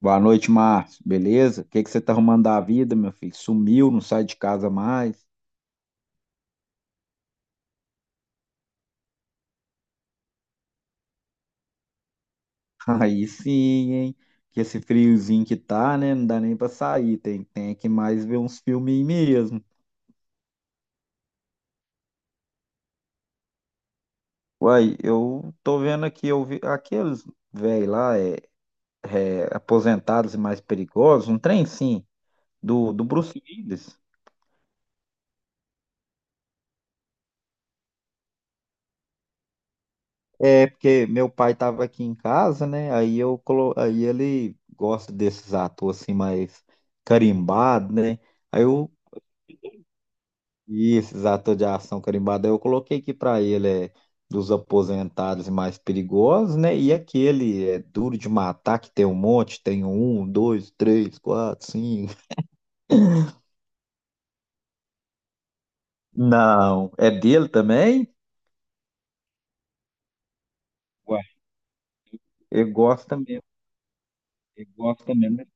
Boa noite, Márcio. Beleza? O que que você tá arrumando da vida, meu filho? Sumiu, não sai de casa mais? Aí sim, hein? Que esse friozinho que tá, né? Não dá nem pra sair. Tem que mais ver uns filminhos mesmo. Uai, eu tô vendo aqui, eu vi aqueles velho lá, aposentados e mais perigosos, um trem sim, do Bruce Willis. É, porque meu pai estava aqui em casa, né? Aí ele gosta desses atores assim mais carimbado, né? Aí eu e esses atores de ação carimbado, aí eu coloquei aqui para ele dos aposentados e mais perigosos, né? E aquele é duro de matar que tem um monte, tem um, dois, três, quatro, cinco. Não, é dele também? Ué, ele gosta mesmo, ele gosta mesmo.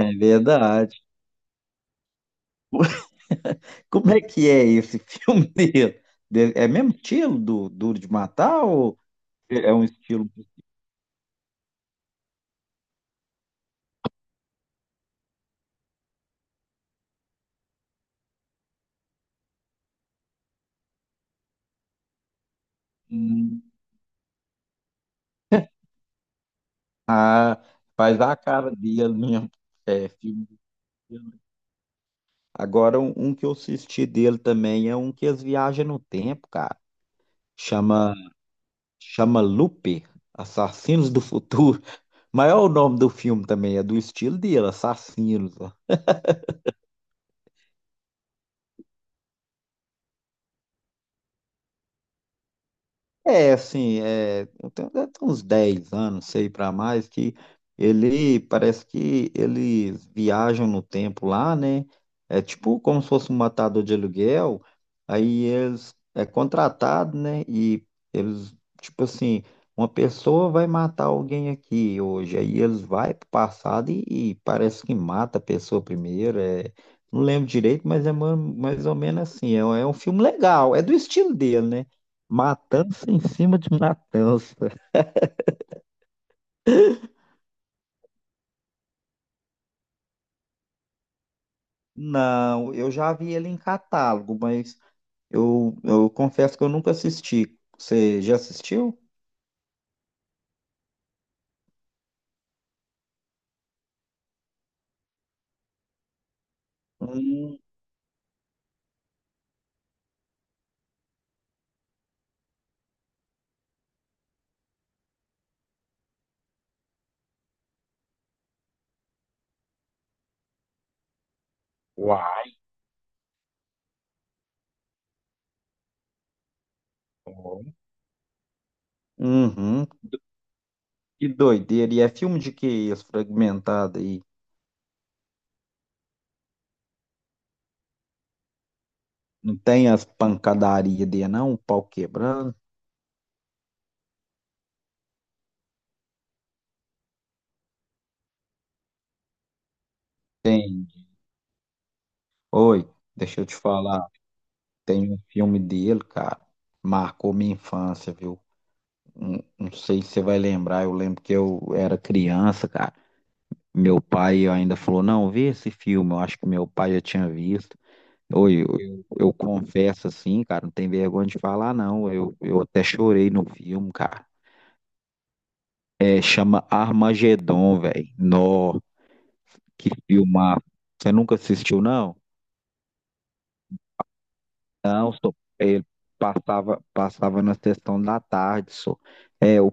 É verdade. Como é que é esse filme dele? É mesmo estilo do Duro de Matar ou é um estilo que hum, faz a cara dele mesmo? É, filme dele. Agora, um que eu assisti dele também é um que eles viajam no tempo, cara. Chama, chama Looper, Assassinos do Futuro. Mas é o nome do filme também, é do estilo dele, Assassinos. É, assim, é, eu tenho, deve ter uns 10 anos, sei para mais, que ele parece que eles viajam no tempo lá, né? É tipo como se fosse um matador de aluguel, aí eles é contratado, né? E eles, tipo assim, uma pessoa vai matar alguém aqui hoje, aí eles vai pro passado e parece que mata a pessoa primeiro, é, não lembro direito, mas é mais ou menos assim, é, é um filme legal, é do estilo dele, né? Matança em cima de matança. Não, eu já vi ele em catálogo, mas eu confesso que eu nunca assisti. Você já assistiu? Hum. Uai, bom. Uhum, que doideira. E é filme de que esse fragmentado aí? Não tem as pancadarias dele, não? O pau quebrando? Tem. Oi, deixa eu te falar. Tem um filme dele, cara. Marcou minha infância, viu? Não, sei se você vai lembrar. Eu lembro que eu era criança, cara. Meu pai ainda falou, não, vê esse filme, eu acho que meu pai já tinha visto. Oi, eu confesso assim, cara, não tem vergonha de falar, não. Eu até chorei no filme, cara. É, chama Armagedon, velho. Nó, que filmar. Você nunca assistiu, não? Não, só, ele passava na sessão da tarde, só. É, o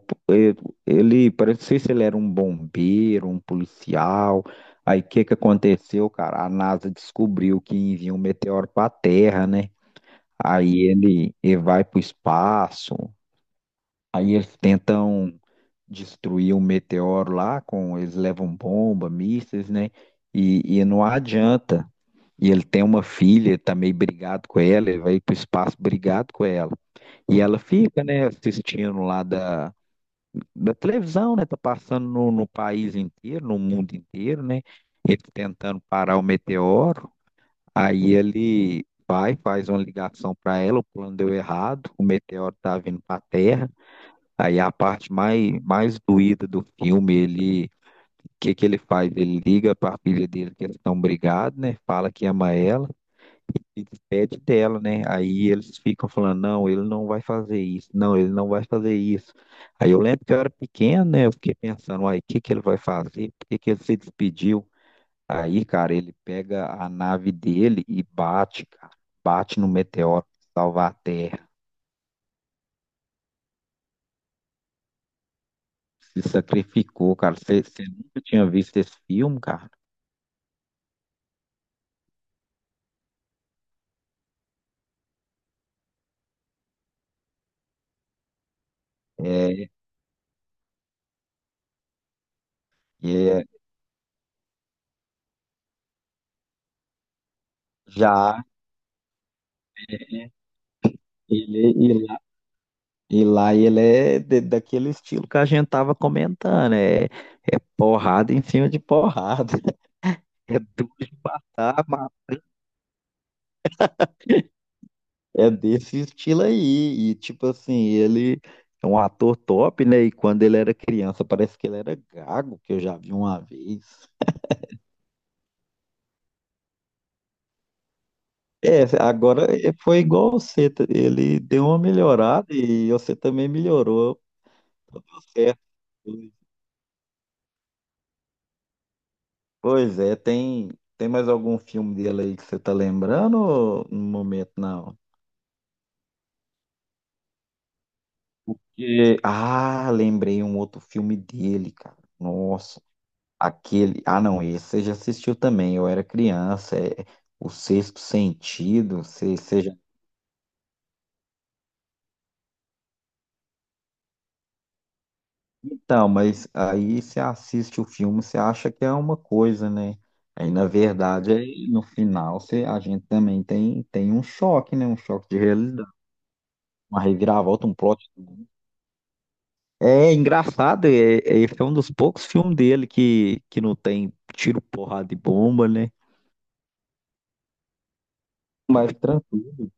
Ele, parece, não sei se ele era um bombeiro, um policial. Aí o que que aconteceu, cara? A NASA descobriu que envia um meteoro para a Terra, né? Aí ele vai para o espaço. Aí eles tentam destruir o meteoro lá com eles levam bomba, mísseis, né? E não adianta. E ele tem uma filha, ele tá meio brigado com ela, ele vai para o espaço brigado com ela. E ela fica, né, assistindo lá da televisão, né? Tá passando no país inteiro, no mundo inteiro, né? Ele tentando parar o meteoro. Aí ele vai, faz uma ligação para ela, o plano deu errado, o meteoro tá vindo para a Terra. Aí a parte mais doída do filme, ele, o que que ele faz? Ele liga para a filha dele que eles estão brigados, né? Fala que ama ela e pede dela, né? Aí eles ficam falando, não, ele não vai fazer isso, não, ele não vai fazer isso. Aí eu lembro que eu era pequeno, né? Eu fiquei pensando, uai, o que que ele vai fazer? Por que que ele se despediu? Aí, cara, ele pega a nave dele e bate, cara, bate no meteoro pra salvar a Terra. Se sacrificou, cara. Você nunca tinha visto esse filme, cara? É, é, já. Ele, e lá ele é daquele estilo que a gente tava comentando, é porrada em cima de porrada, é duro de matar, mas é desse estilo aí. E tipo assim, ele é um ator top, né? E quando ele era criança, parece que ele era gago, que eu já vi uma vez. É, agora foi igual você, tá? Ele deu uma melhorada e você também melhorou, tá tudo certo. Pois é, tem, tem mais algum filme dele aí que você tá lembrando ou no momento não? Ah, lembrei um outro filme dele, cara. Nossa, aquele. Ah, não, esse você já assistiu também. Eu era criança. É O Sexto Sentido. Você já... Então, mas aí você assiste o filme, você acha que é uma coisa, né? Aí, na verdade, aí, no final, você, a gente também tem, tem um choque, né? Um choque de realidade. Uma reviravolta, um plot. É engraçado, é, esse é um dos poucos filmes dele que não tem tiro, porrada e bomba, né? Mais tranquilo.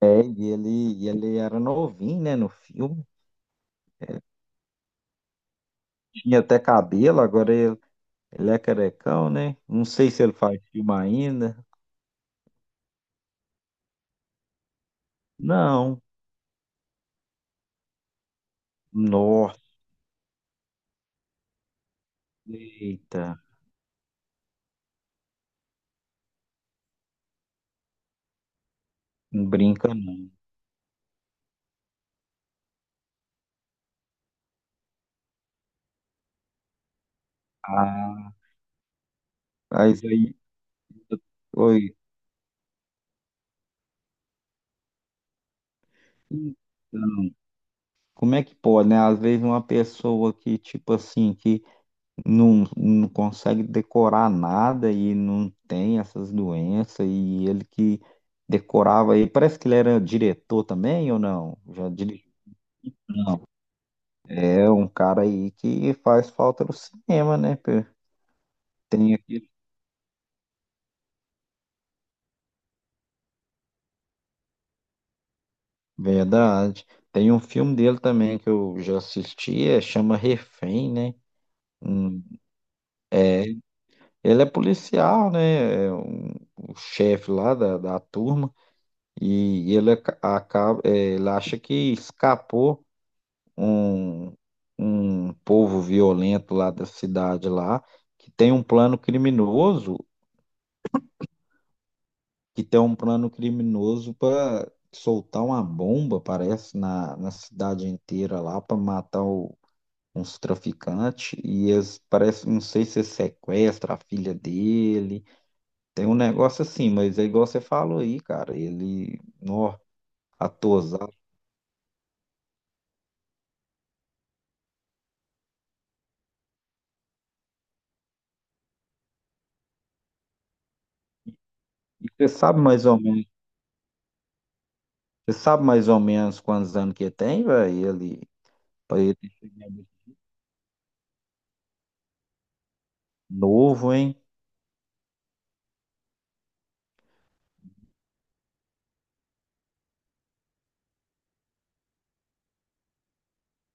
É, e ele era novinho, né, no filme. Tinha até cabelo, agora ele, ele é carecão, né? Não sei se ele faz filme ainda. Não. Nossa, eita. Não brinca, não. Ah, mas aí. Oi. Então, como é que pode, né? Às vezes uma pessoa que, tipo assim, que não consegue decorar nada e não tem essas doenças, e ele que decorava aí, parece que ele era diretor também ou não? Já dirigiu. É um cara aí que faz falta no cinema, né? Pê? Tem aqui, verdade. Tem um filme dele também que eu já assisti, é, chama Refém, né? Hum, é, ele é policial, né? É um- o chefe lá da turma, e ele acaba, é, ele acha que escapou um, um povo violento lá da cidade lá, que tem um plano criminoso, que tem um plano criminoso para soltar uma bomba, parece, na cidade inteira lá para matar uns traficantes e eles parece, não sei se sequestra a filha dele. Tem um negócio assim, mas é igual você falou aí, cara, ele, nó, atosado. E você sabe mais ou menos, você sabe mais ou menos quantos anos que tem, velho? Ele, pra ele ter chegado novo, hein?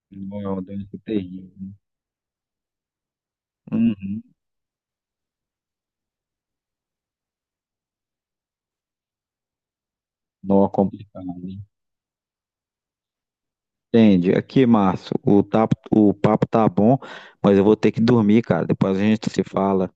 Não é uma doença terrível. Uhum. Nó complicado, hein? Entende? Aqui, Márcio, o papo tá bom, mas eu vou ter que dormir, cara. Depois a gente se fala.